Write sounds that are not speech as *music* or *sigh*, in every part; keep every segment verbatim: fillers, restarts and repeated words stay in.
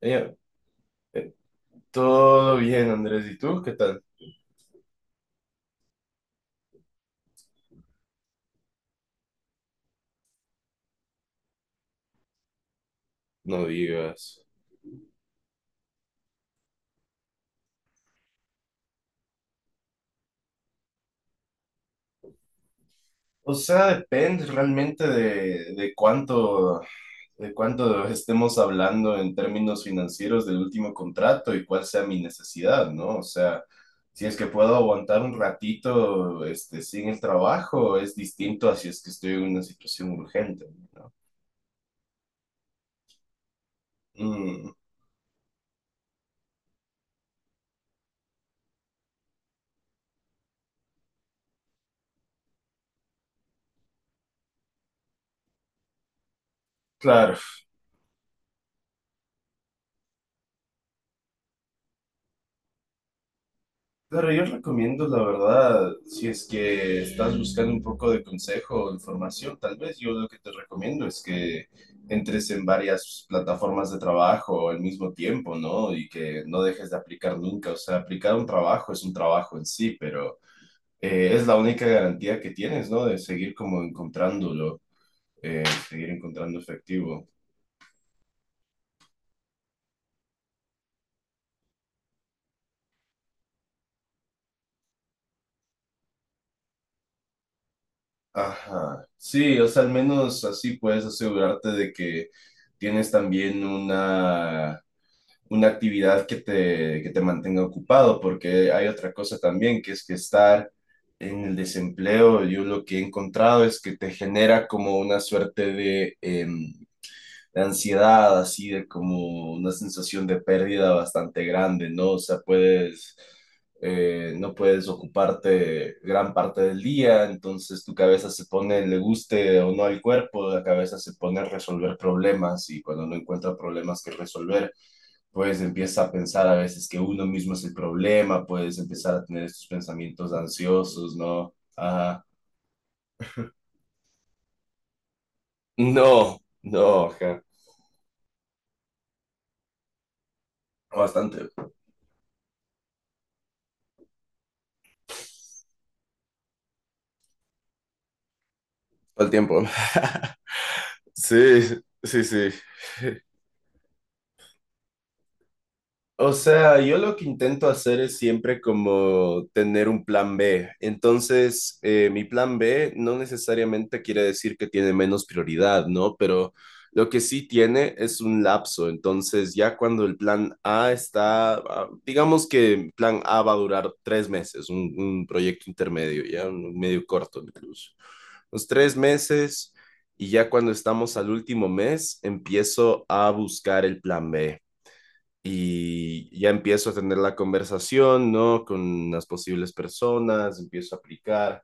Eh, Todo bien, Andrés. ¿Y tú? ¿Qué tal? No digas. O sea, depende realmente de, de cuánto, de cuánto estemos hablando en términos financieros del último contrato y cuál sea mi necesidad, ¿no? O sea, si es que puedo aguantar un ratito, este, sin el trabajo, es distinto a si es que estoy en una situación urgente, ¿no? Mm, claro. Claro, yo recomiendo, la verdad, si es que estás buscando un poco de consejo o información, tal vez yo lo que te recomiendo es que entres en varias plataformas de trabajo al mismo tiempo, ¿no? Y que no dejes de aplicar nunca. O sea, aplicar un trabajo es un trabajo en sí, pero eh, es la única garantía que tienes, ¿no? De seguir como encontrándolo, eh, seguir encontrando efectivo. Ajá. Sí, o sea, al menos así puedes asegurarte de que tienes también una una actividad que te, que te mantenga ocupado, porque hay otra cosa también, que es que estar en el desempleo, yo lo que he encontrado es que te genera como una suerte de... em, de ansiedad, así de como una sensación de pérdida bastante grande, ¿no? O sea, puedes, eh, no puedes ocuparte gran parte del día, entonces tu cabeza se pone, le guste o no al cuerpo, la cabeza se pone a resolver problemas y cuando no encuentra problemas que resolver, pues empieza a pensar a veces que uno mismo es el problema, puedes empezar a tener estos pensamientos ansiosos, ¿no? Ajá. No, no, ajá. Bastante. Todo el tiempo. Sí, sí, sí. O sea, yo lo que intento hacer es siempre como tener un plan B. Entonces, eh, mi plan B no necesariamente quiere decir que tiene menos prioridad, ¿no? Pero lo que sí tiene es un lapso. Entonces, ya cuando el plan A está, ah, digamos que el plan A va a durar tres meses, un, un proyecto intermedio, ya un medio corto incluso. Los tres meses y ya cuando estamos al último mes, empiezo a buscar el plan B y ya empiezo a tener la conversación, ¿no? Con las posibles personas, empiezo a aplicar.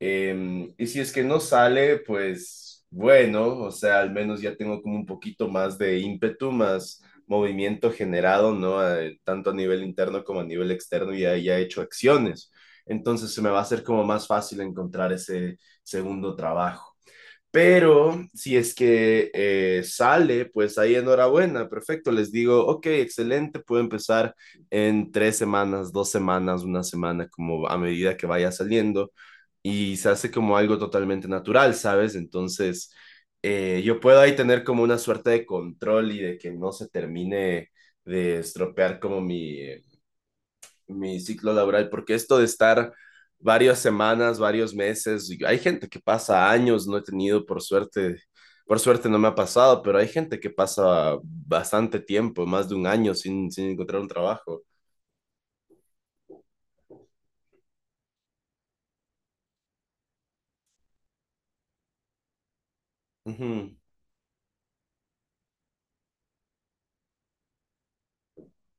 Eh, y si es que no sale, pues bueno, o sea, al menos ya tengo como un poquito más de ímpetu, más movimiento generado, ¿no? Eh, tanto a nivel interno como a nivel externo, y ya, ya he hecho acciones. Entonces se me va a hacer como más fácil encontrar ese segundo trabajo. Pero si es que eh, sale, pues ahí enhorabuena, perfecto. Les digo, ok, excelente, puedo empezar en tres semanas, dos semanas, una semana, como a medida que vaya saliendo. Y se hace como algo totalmente natural, ¿sabes? Entonces, eh, yo puedo ahí tener como una suerte de control y de que no se termine de estropear como mi, mi ciclo laboral, porque esto de estar varias semanas, varios meses, hay gente que pasa años, no he tenido por suerte, por suerte no me ha pasado, pero hay gente que pasa bastante tiempo, más de un año sin, sin encontrar un trabajo. Ujú.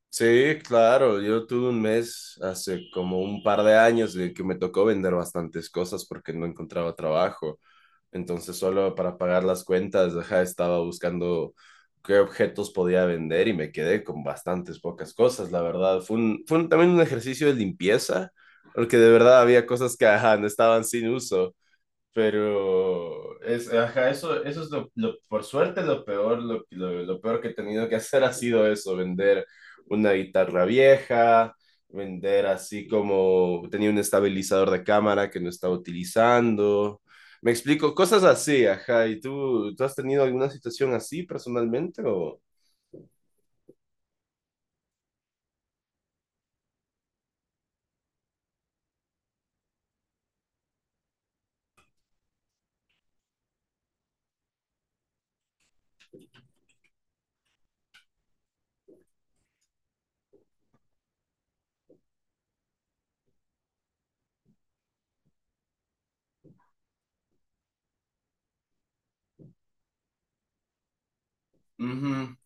Sí, claro, yo tuve un mes hace como un par de años de que me tocó vender bastantes cosas porque no encontraba trabajo. Entonces, solo para pagar las cuentas, ajá, estaba buscando qué objetos podía vender y me quedé con bastantes pocas cosas, la verdad. Fue un, fue un- también un ejercicio de limpieza, porque de verdad había cosas que, ajá, no estaban sin uso. Pero es, ajá, eso, eso es lo, lo- por suerte lo peor, lo, lo- lo peor que he tenido que hacer ha sido eso, vender una guitarra vieja, vender así como tenía un estabilizador de cámara que no estaba utilizando. Me explico, cosas así, ajá. ¿Y tú, tú has tenido alguna situación así personalmente o...? Ujú.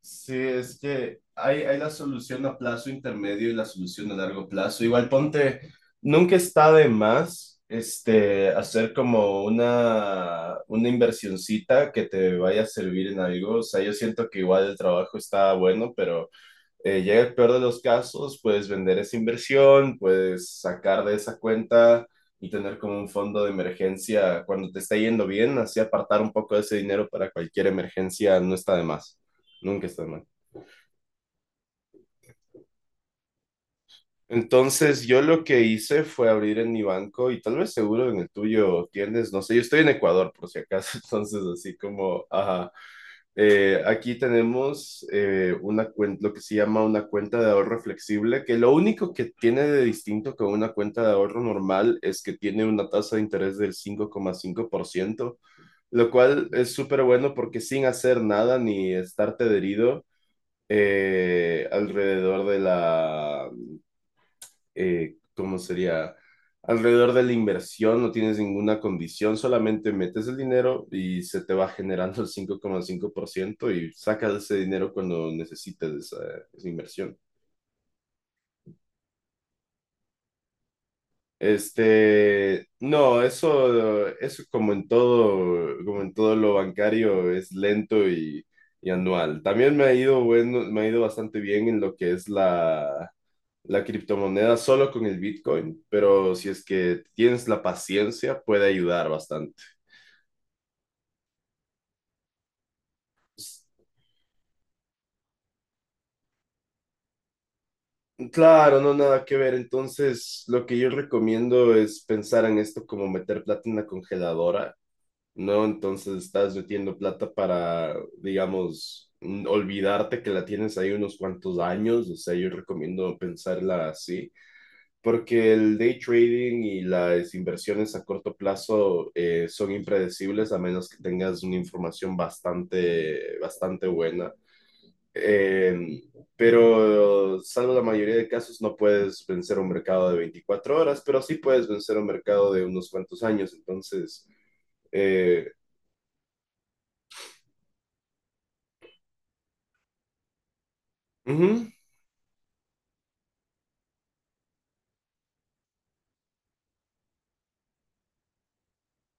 Sí, es que hay, hay la solución a plazo intermedio y la solución a largo plazo. Igual ponte, nunca está de más este, hacer como una, una inversioncita que te vaya a servir en algo. O sea, yo siento que igual el trabajo está bueno, pero eh, llega el peor de los casos, puedes vender esa inversión, puedes sacar de esa cuenta y tener como un fondo de emergencia cuando te está yendo bien, así apartar un poco de ese dinero para cualquier emergencia no está de más, nunca está de más. Entonces yo lo que hice fue abrir en mi banco y tal vez seguro en el tuyo tienes, no sé, yo estoy en Ecuador por si acaso, *laughs* entonces así como, ajá, Eh, aquí tenemos eh, una cuenta lo que se llama una cuenta de ahorro flexible, que lo único que tiene de distinto con una cuenta de ahorro normal es que tiene una tasa de interés del cinco coma cinco por ciento, lo cual es súper bueno porque sin hacer nada ni estar adherido eh, alrededor de la eh, ¿cómo sería? Alrededor de la inversión no tienes ninguna condición, solamente metes el dinero y se te va generando el cinco cinco coma cinco por ciento y sacas ese dinero cuando necesites esa, esa inversión. Este, no, eso, eso como en todo, como en todo lo bancario es lento y, y anual. También me ha ido bueno, me ha ido bastante bien en lo que es la, la criptomoneda solo con el Bitcoin, pero si es que tienes la paciencia, puede ayudar bastante. S- Claro, no nada que ver. Entonces, lo que yo recomiendo es pensar en esto como meter plata en la congeladora, ¿no? Entonces, estás metiendo plata para, digamos, n- olvidarte que la tienes ahí unos cuantos años. O sea, yo recomiendo pensarla así. Porque el day trading y las inversiones a corto plazo eh, son impredecibles a menos que tengas una información bastante, bastante buena. Eh, pero salvo la mayoría de casos no puedes vencer un mercado de veinticuatro horas, pero sí puedes vencer un mercado de unos cuantos años. Entonces, eh, ujú,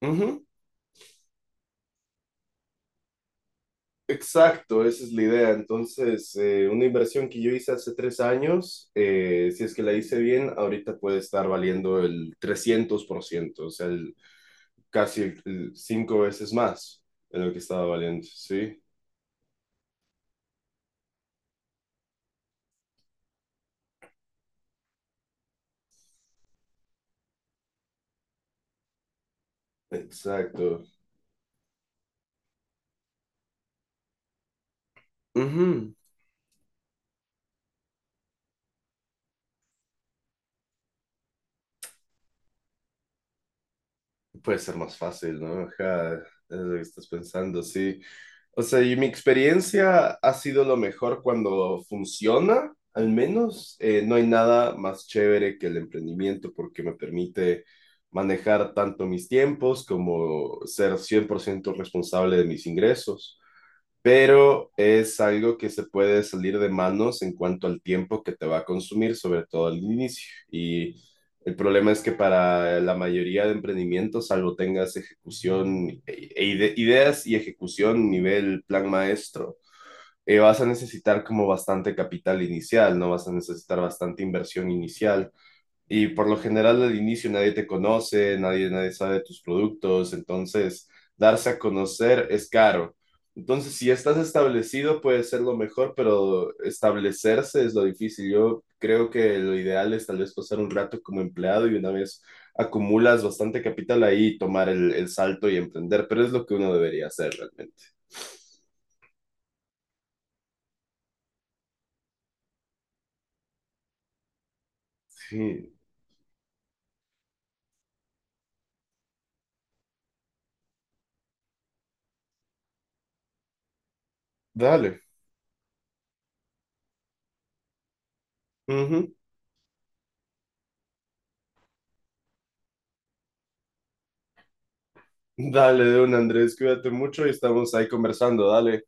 ujú. Exacto, esa es la idea. Entonces, eh, una inversión que yo hice hace tres años, eh, si es que la hice bien, ahorita puede estar valiendo el trescientos por ciento, o sea, el- casi el- el cinco veces más de lo que estaba valiendo. Sí, exacto. Ujú. Puede ser más fácil, ¿no? Ajá, es lo que estás pensando, sí. O sea, y mi experiencia ha sido lo mejor cuando funciona, al menos. Eh, no hay nada más chévere que el emprendimiento porque me permite manejar tanto mis tiempos como ser cien por ciento responsable de mis ingresos, pero es algo que se puede salir de manos en cuanto al tiempo que te va a consumir, sobre todo al inicio. Y el problema es que para la mayoría de emprendimientos, salvo tengas ejecución, e- e ide- ideas y ejecución nivel plan maestro, eh, vas a necesitar como bastante capital inicial, no vas a necesitar bastante inversión inicial. Y por lo general al inicio nadie te conoce, nadie, nadie sabe de tus productos, entonces darse a conocer es caro. Entonces, si ya estás establecido, puede ser lo mejor, pero establecerse es lo difícil. Yo creo que lo ideal es tal vez pasar un rato como empleado y una vez acumulas bastante capital ahí, tomar el, el salto y emprender, pero es lo que uno debería hacer realmente. Sí, dale. Ujú. Dale, de un Andrés, cuídate mucho y estamos ahí conversando. Dale,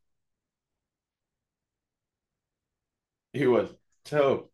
igual. Chao.